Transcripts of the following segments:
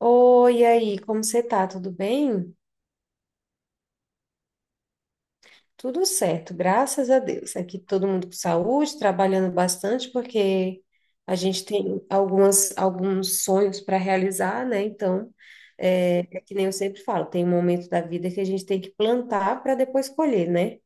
Oi, e aí, como você tá? Tudo bem? Tudo certo, graças a Deus. Aqui todo mundo com saúde, trabalhando bastante, porque a gente tem alguns sonhos para realizar, né? Então, é que nem eu sempre falo, tem um momento da vida que a gente tem que plantar para depois colher, né?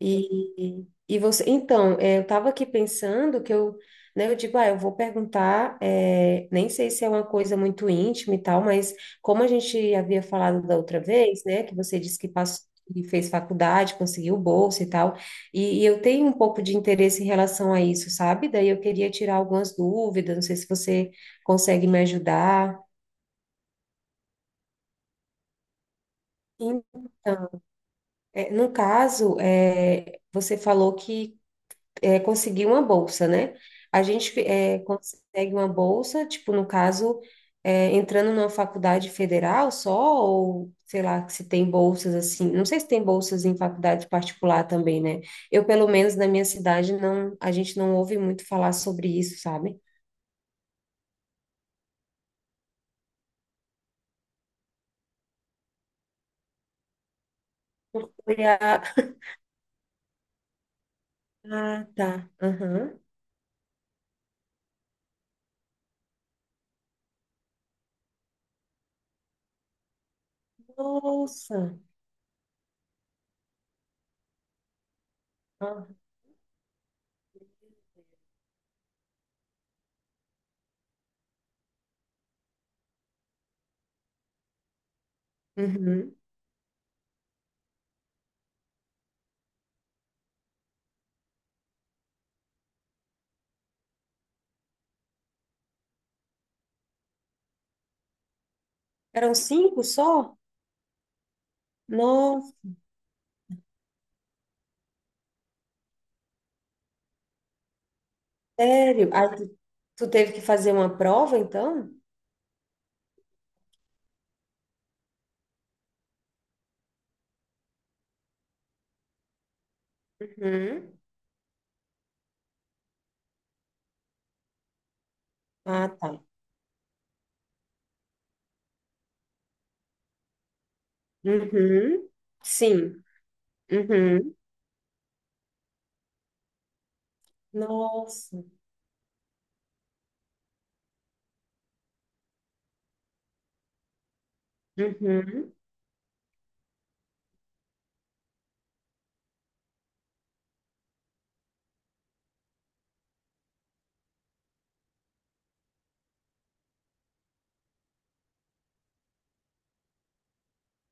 E você, então, eu estava aqui pensando que eu, né, eu digo, ah, eu vou perguntar, nem sei se é uma coisa muito íntima e tal, mas como a gente havia falado da outra vez, né, que você disse que passou, que fez faculdade, conseguiu bolsa e tal, e eu tenho um pouco de interesse em relação a isso, sabe? Daí eu queria tirar algumas dúvidas, não sei se você consegue me ajudar. Então, no caso, você falou que conseguir uma bolsa, né? A gente consegue uma bolsa, tipo, no caso, entrando numa faculdade federal só, ou sei lá, se tem bolsas assim. Não sei se tem bolsas em faculdade particular também, né? Eu, pelo menos na minha cidade, não, a gente não ouve muito falar sobre isso, sabe? Foi a- Ah, tá. Aham. Nossa. Ah, uhum. Eram cinco só? Nossa, sério. Ah, tu teve que fazer uma prova, então? Uhum. Ah, tá. Uhum. Sim. Uhum. Nossa. Uhum.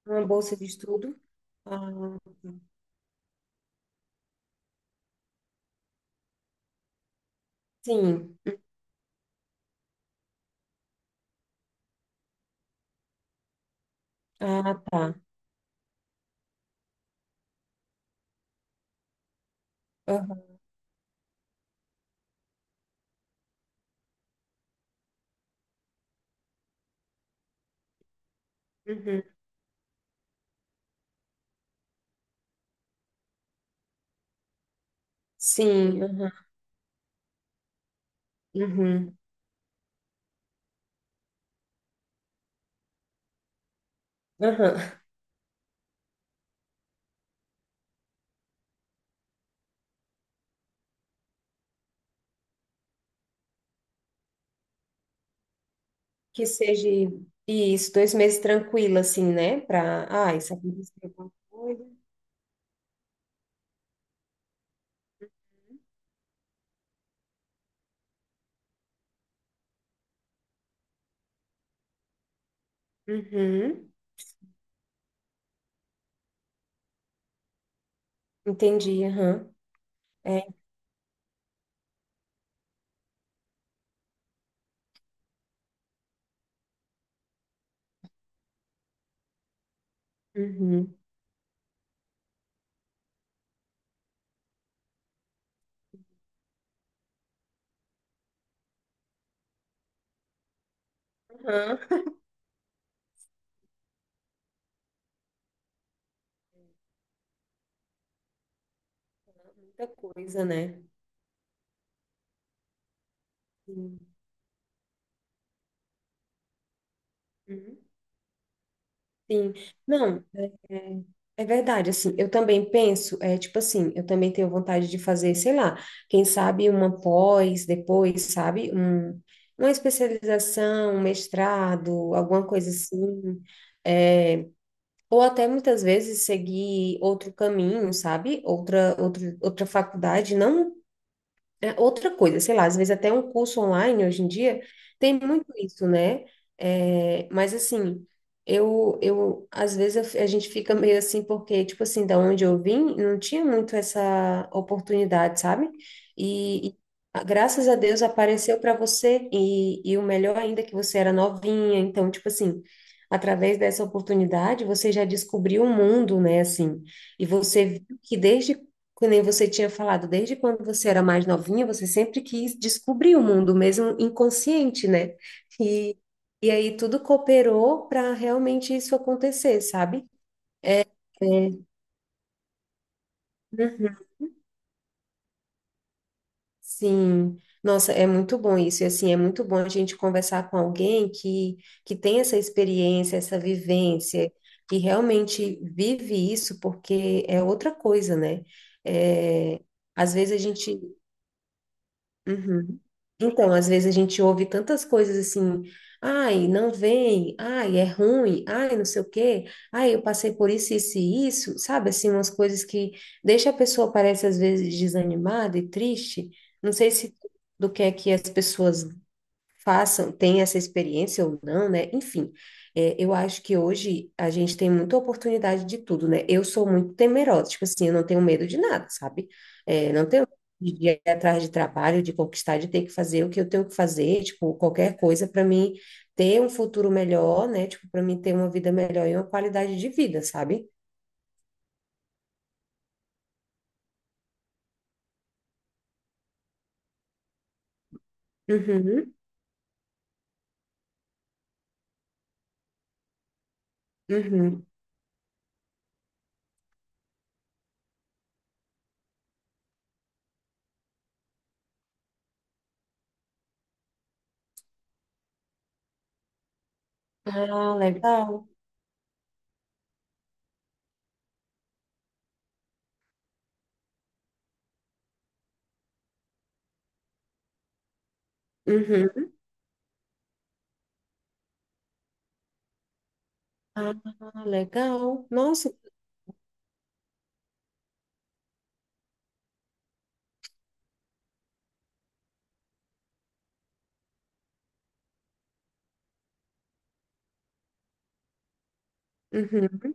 Uma bolsa de estudo? Ah, sim. Ah, tá. Aham. Uhum. Sim. Aham. Uhum. Aham. Que seja isso, 2 meses tranquilo, assim, né? Pra. Ah, isso aconteceu alguma coisa. Uhum. Entendi. Aham. É. Uhum. Aham. Muita coisa, né? Sim. Uhum. Sim. Não. É é verdade, assim, eu também penso, é tipo assim, eu também tenho vontade de fazer, sei lá, quem sabe uma pós, depois, sabe, uma especialização, um mestrado, alguma coisa assim, é, ou até muitas vezes seguir outro caminho, sabe, outra faculdade, não é outra coisa, sei lá, às vezes até um curso online hoje em dia tem muito isso, né? É, mas assim, eu às vezes a gente fica meio assim, porque, tipo assim, da onde eu vim, não tinha muito essa oportunidade, sabe? E, e, ah, graças a Deus apareceu para você, e o melhor ainda é que você era novinha, então, tipo assim, através dessa oportunidade, você já descobriu o mundo, né? Assim, e você viu que desde que nem você tinha falado, desde quando você era mais novinha, você sempre quis descobrir o mundo, mesmo inconsciente, né? E, e aí tudo cooperou para realmente isso acontecer, sabe? É. Uhum. Sim. Nossa, é muito bom isso. E assim, é muito bom a gente conversar com alguém que tem essa experiência, essa vivência, que realmente vive isso, porque é outra coisa, né? É, às vezes a gente. Uhum. Então, às vezes a gente ouve tantas coisas assim, ai, não vem, ai, é ruim, ai, não sei o quê, ai, eu passei por isso, isso e isso, sabe? Assim, umas coisas que deixa a pessoa, parece, às vezes, desanimada e triste. Não sei se do que é que as pessoas façam, tenham essa experiência ou não, né? Enfim, é, eu acho que hoje a gente tem muita oportunidade de tudo, né? Eu sou muito temerosa, tipo assim, eu não tenho medo de nada, sabe? É, não tenho medo de ir atrás de trabalho, de conquistar, de ter que fazer o que eu tenho que fazer, tipo, qualquer coisa para mim ter um futuro melhor, né? Tipo, para mim ter uma vida melhor e uma qualidade de vida, sabe? Uhum, uhum. Ah, legal. Uhum. Ah, legal. Nossa. Uhum.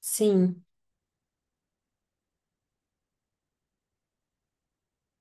Sim.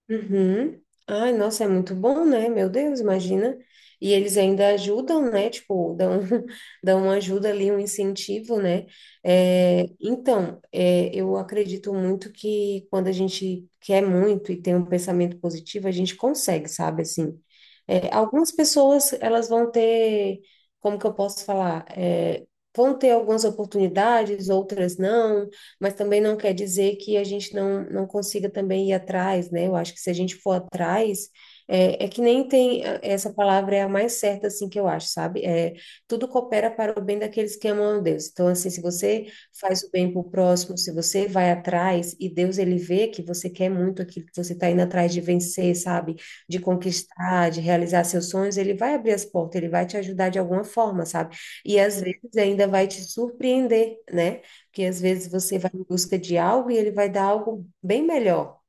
Uhum. Ai, nossa, é muito bom, né? Meu Deus, imagina. E eles ainda ajudam, né? Tipo, dão, dão uma ajuda ali, um incentivo, né? Então, eu acredito muito que quando a gente quer muito e tem um pensamento positivo, a gente consegue, sabe? Assim, algumas pessoas, elas vão ter, como que eu posso falar? Vão ter algumas oportunidades, outras não, mas também não quer dizer que a gente não consiga também ir atrás, né? Eu acho que se a gente for atrás, é que nem tem, essa palavra é a mais certa, assim, que eu acho, sabe? Tudo coopera para o bem daqueles que amam a Deus. Então, assim, se você faz o bem para o próximo, se você vai atrás e Deus, ele vê que você quer muito aquilo que você está indo atrás de vencer, sabe? De conquistar, de realizar seus sonhos, ele vai abrir as portas, ele vai te ajudar de alguma forma, sabe? E às vezes ainda vai te surpreender, né? Porque às vezes você vai em busca de algo e ele vai dar algo bem melhor.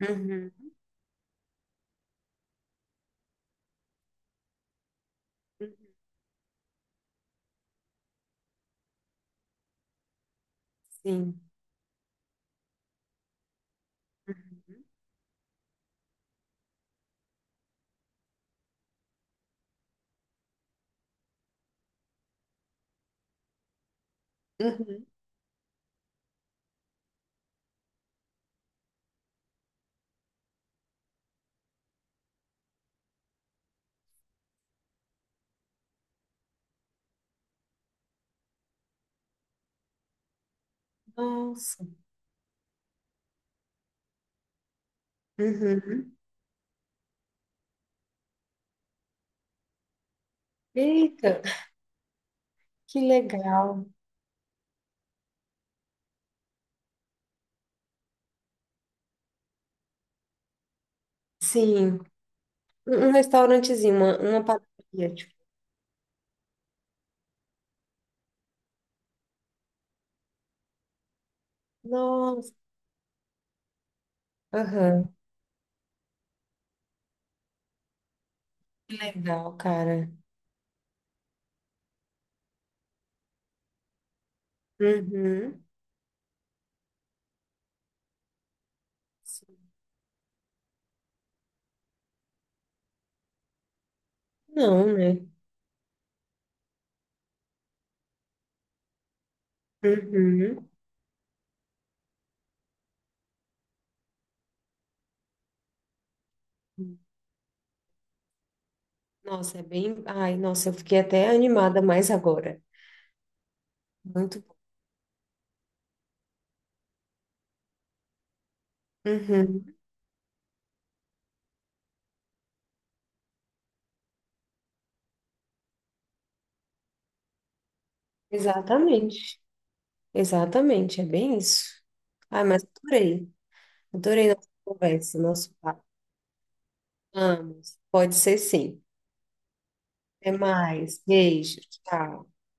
Uhum. Sim. Uhum. Uhum. Nossa. Uhum. Eita, que legal. Sim, um restaurantezinho, uma padaria. Tipo. Nossa. Aham. Que legal, cara. Uhum. Sim. Não, né? Uhum. Nossa, é bem. Ai, nossa, eu fiquei até animada mais agora. Muito bom. Uhum. Exatamente. Exatamente, é bem isso. Ai, mas adorei. Adorei nossa conversa, nosso papo. Vamos. Pode ser sim. Até mais. Beijo. Tchau.